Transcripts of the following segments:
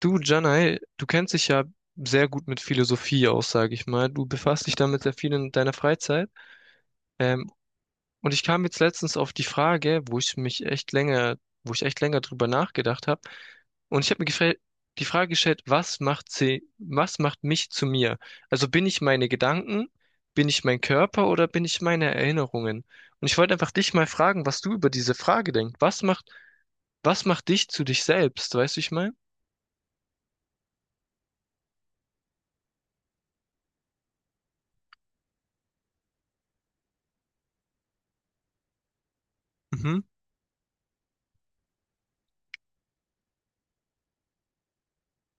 Du, Janai, du kennst dich ja sehr gut mit Philosophie aus, sage ich mal. Du befasst dich damit sehr viel in deiner Freizeit. Ähm, und ich kam jetzt letztens auf die Frage, wo ich echt länger drüber nachgedacht habe. Und ich habe mir die Frage gestellt, was macht mich zu mir? Also bin ich meine Gedanken, bin ich mein Körper oder bin ich meine Erinnerungen? Und ich wollte einfach dich mal fragen, was du über diese Frage denkst. Was macht dich zu dich selbst? Weißt du, ich meine? Mhm.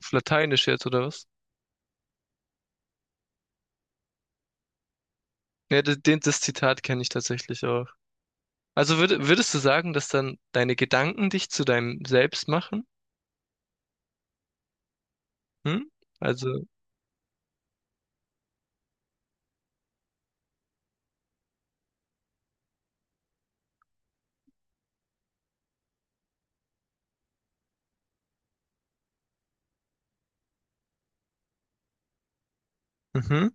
Auf Lateinisch jetzt oder was? Ja, das Zitat kenne ich tatsächlich auch. Also würdest du sagen, dass dann deine Gedanken dich zu deinem Selbst machen? Hm? Also. Mhm.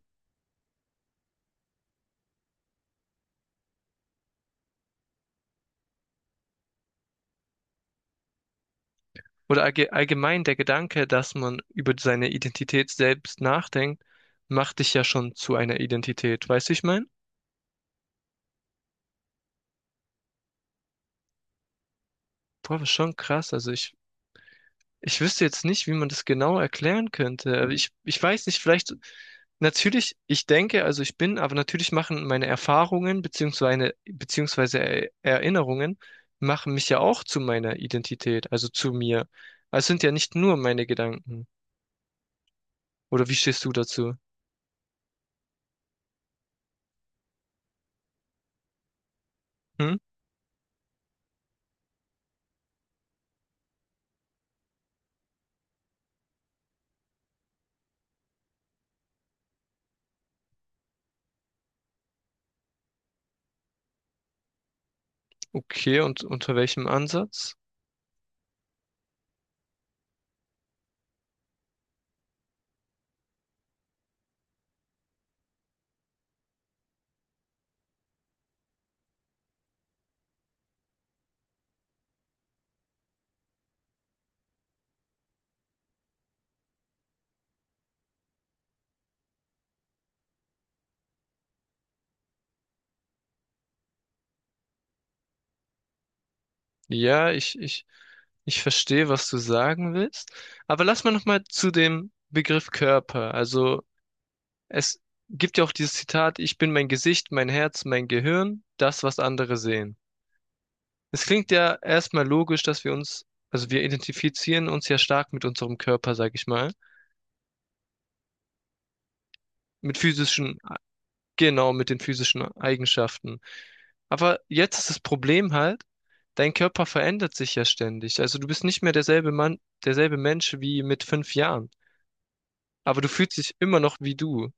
Oder allgemein der Gedanke, dass man über seine Identität selbst nachdenkt, macht dich ja schon zu einer Identität. Weißt du, wie ich meine? Boah, das ist schon krass. Ich wüsste jetzt nicht, wie man das genau erklären könnte. Aber ich weiß nicht, vielleicht, natürlich, ich denke, also ich bin, aber natürlich machen meine Erfahrungen beziehungsweise Erinnerungen machen mich ja auch zu meiner Identität, also zu mir. Also es sind ja nicht nur meine Gedanken. Oder wie stehst du dazu? Hm? Okay, und unter welchem Ansatz? Ja, ich verstehe, was du sagen willst. Aber lass mal nochmal zu dem Begriff Körper. Also, es gibt ja auch dieses Zitat, ich bin mein Gesicht, mein Herz, mein Gehirn, das, was andere sehen. Es klingt ja erstmal logisch, dass also wir identifizieren uns ja stark mit unserem Körper, sag ich mal, mit physischen, genau, mit den physischen Eigenschaften. Aber jetzt ist das Problem halt, dein Körper verändert sich ja ständig. Also du bist nicht mehr derselbe Mensch wie mit fünf Jahren. Aber du fühlst dich immer noch wie du.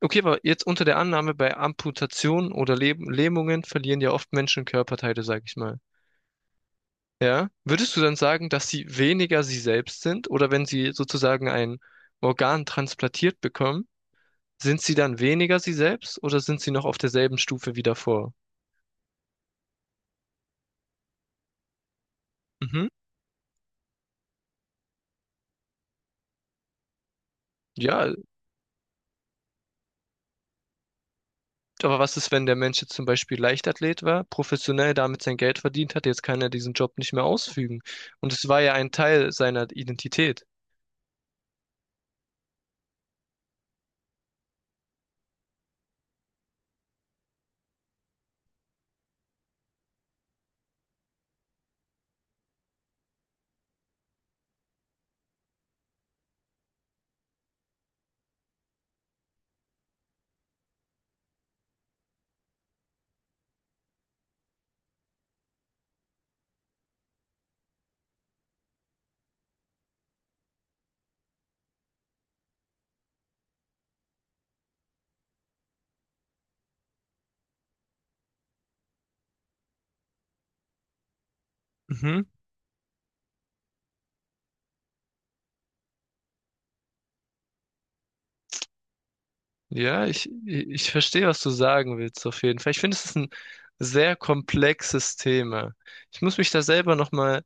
Okay, aber jetzt unter der Annahme, bei Amputationen oder Lähmungen verlieren ja oft Menschen Körperteile, sag ich mal. Ja? Würdest du dann sagen, dass sie weniger sie selbst sind? Oder wenn sie sozusagen ein Organ transplantiert bekommen, sind sie dann weniger sie selbst oder sind sie noch auf derselben Stufe wie davor? Mhm. Ja, aber was ist, wenn der Mensch jetzt zum Beispiel Leichtathlet war, professionell damit sein Geld verdient hat, jetzt kann er diesen Job nicht mehr ausfügen. Und es war ja ein Teil seiner Identität. Mhm. Ja, ich verstehe, was du sagen willst, auf jeden Fall. Ich finde, es ist ein sehr komplexes Thema. Ich muss mich da selber nochmal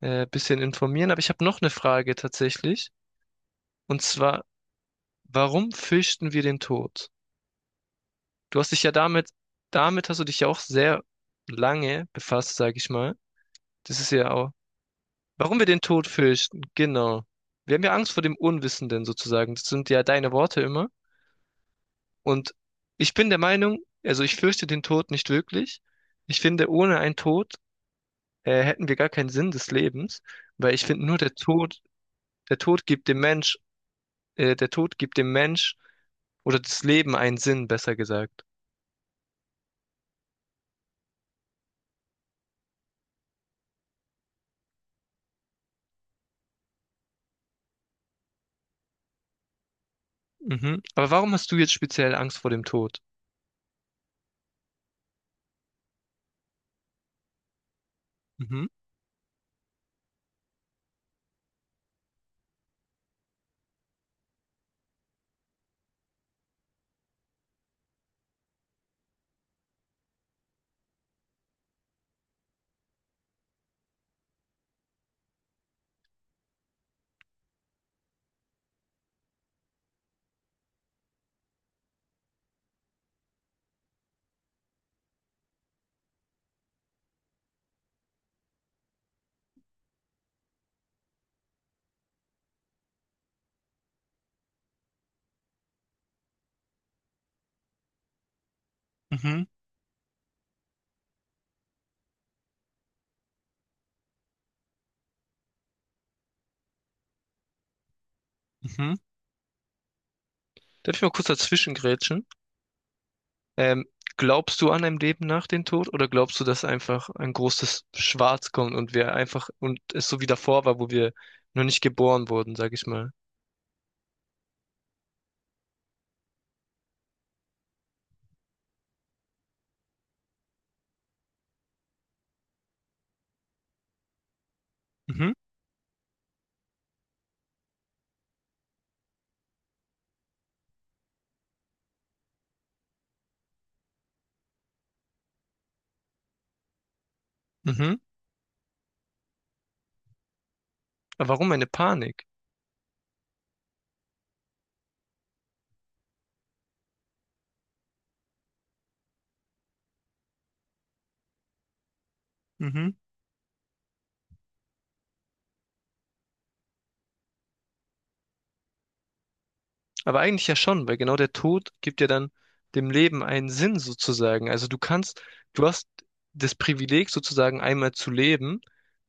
ein bisschen informieren, aber ich habe noch eine Frage tatsächlich. Und zwar, warum fürchten wir den Tod? Du hast dich ja damit, damit hast du dich ja auch sehr lange befasst, sage ich mal. Das ist ja auch, warum wir den Tod fürchten, genau. Wir haben ja Angst vor dem Unwissenden sozusagen. Das sind ja deine Worte immer. Und ich bin der Meinung, also ich fürchte den Tod nicht wirklich. Ich finde, ohne einen Tod hätten wir gar keinen Sinn des Lebens, weil ich finde, nur der Tod gibt dem Mensch, äh, der Tod gibt dem Mensch oder das Leben einen Sinn, besser gesagt. Mhm. Aber warum hast du jetzt speziell Angst vor dem Tod? Mhm, mhm, mhm. Darf ich mal kurz dazwischen. Ähm, glaubst du an ein Leben nach dem Tod oder glaubst du, dass einfach ein großes Schwarz kommt und wir einfach und es so wie davor war, wo wir noch nicht geboren wurden, sag ich mal? Mhm, mhm. Aber warum eine Panik? Mhm. Aber eigentlich ja schon, weil genau der Tod gibt ja dann dem Leben einen Sinn sozusagen. Also du hast das Privileg sozusagen einmal zu leben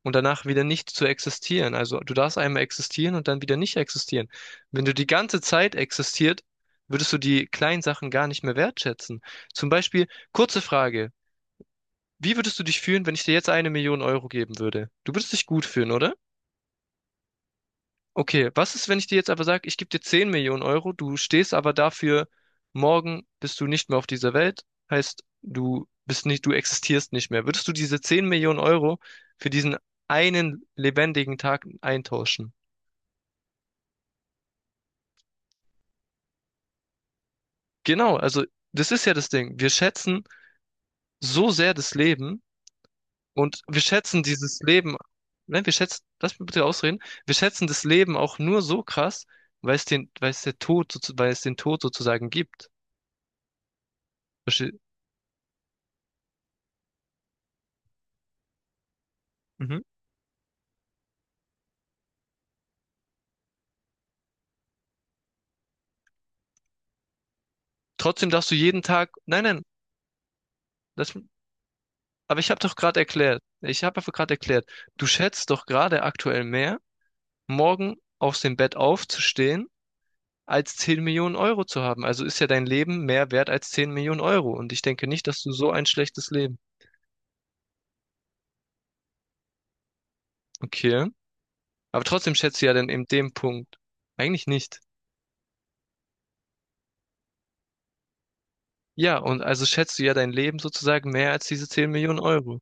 und danach wieder nicht zu existieren. Also du darfst einmal existieren und dann wieder nicht existieren. Wenn du die ganze Zeit existiert, würdest du die kleinen Sachen gar nicht mehr wertschätzen. Zum Beispiel, kurze Frage, wie würdest du dich fühlen, wenn ich dir jetzt eine Million Euro geben würde? Du würdest dich gut fühlen, oder? Okay, was ist, wenn ich dir jetzt aber sage, ich gebe dir 10 Millionen Euro, du stehst aber dafür, morgen bist du nicht mehr auf dieser Welt, heißt, du bist nicht, du existierst nicht mehr. Würdest du diese 10 Millionen Euro für diesen einen lebendigen Tag eintauschen? Genau, also das ist ja das Ding. Wir schätzen so sehr das Leben und wir schätzen dieses Leben, nein, wir schätzen, lass mich bitte ausreden, wir schätzen das Leben auch nur so krass, weil es den Tod sozusagen gibt. Verste- Mhm. Trotzdem darfst du jeden Tag. Nein, nein, das, aber ich habe doch gerade erklärt. Ich habe einfach gerade erklärt, du schätzt doch gerade aktuell mehr, morgen aus dem Bett aufzustehen, als 10 Millionen Euro zu haben. Also ist ja dein Leben mehr wert als 10 Millionen Euro. Und ich denke nicht, dass du so ein schlechtes Leben. Okay. Aber trotzdem schätzt du ja dann in dem Punkt. Eigentlich nicht. Ja, und also schätzt du ja dein Leben sozusagen mehr als diese 10 Millionen Euro.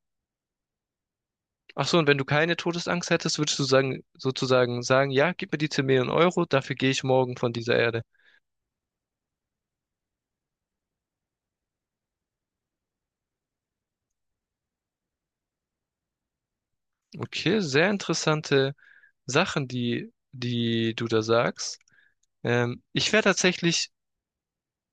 Ach so, und wenn du keine Todesangst hättest, würdest du sagen, ja, gib mir die 10 Millionen Euro, dafür gehe ich morgen von dieser Erde. Okay, sehr interessante Sachen, die du da sagst. Ich wäre tatsächlich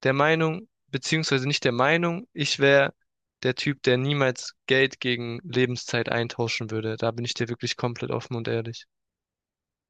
der Meinung, beziehungsweise nicht der Meinung, ich wäre der Typ, der niemals Geld gegen Lebenszeit eintauschen würde. Da bin ich dir wirklich komplett offen und ehrlich.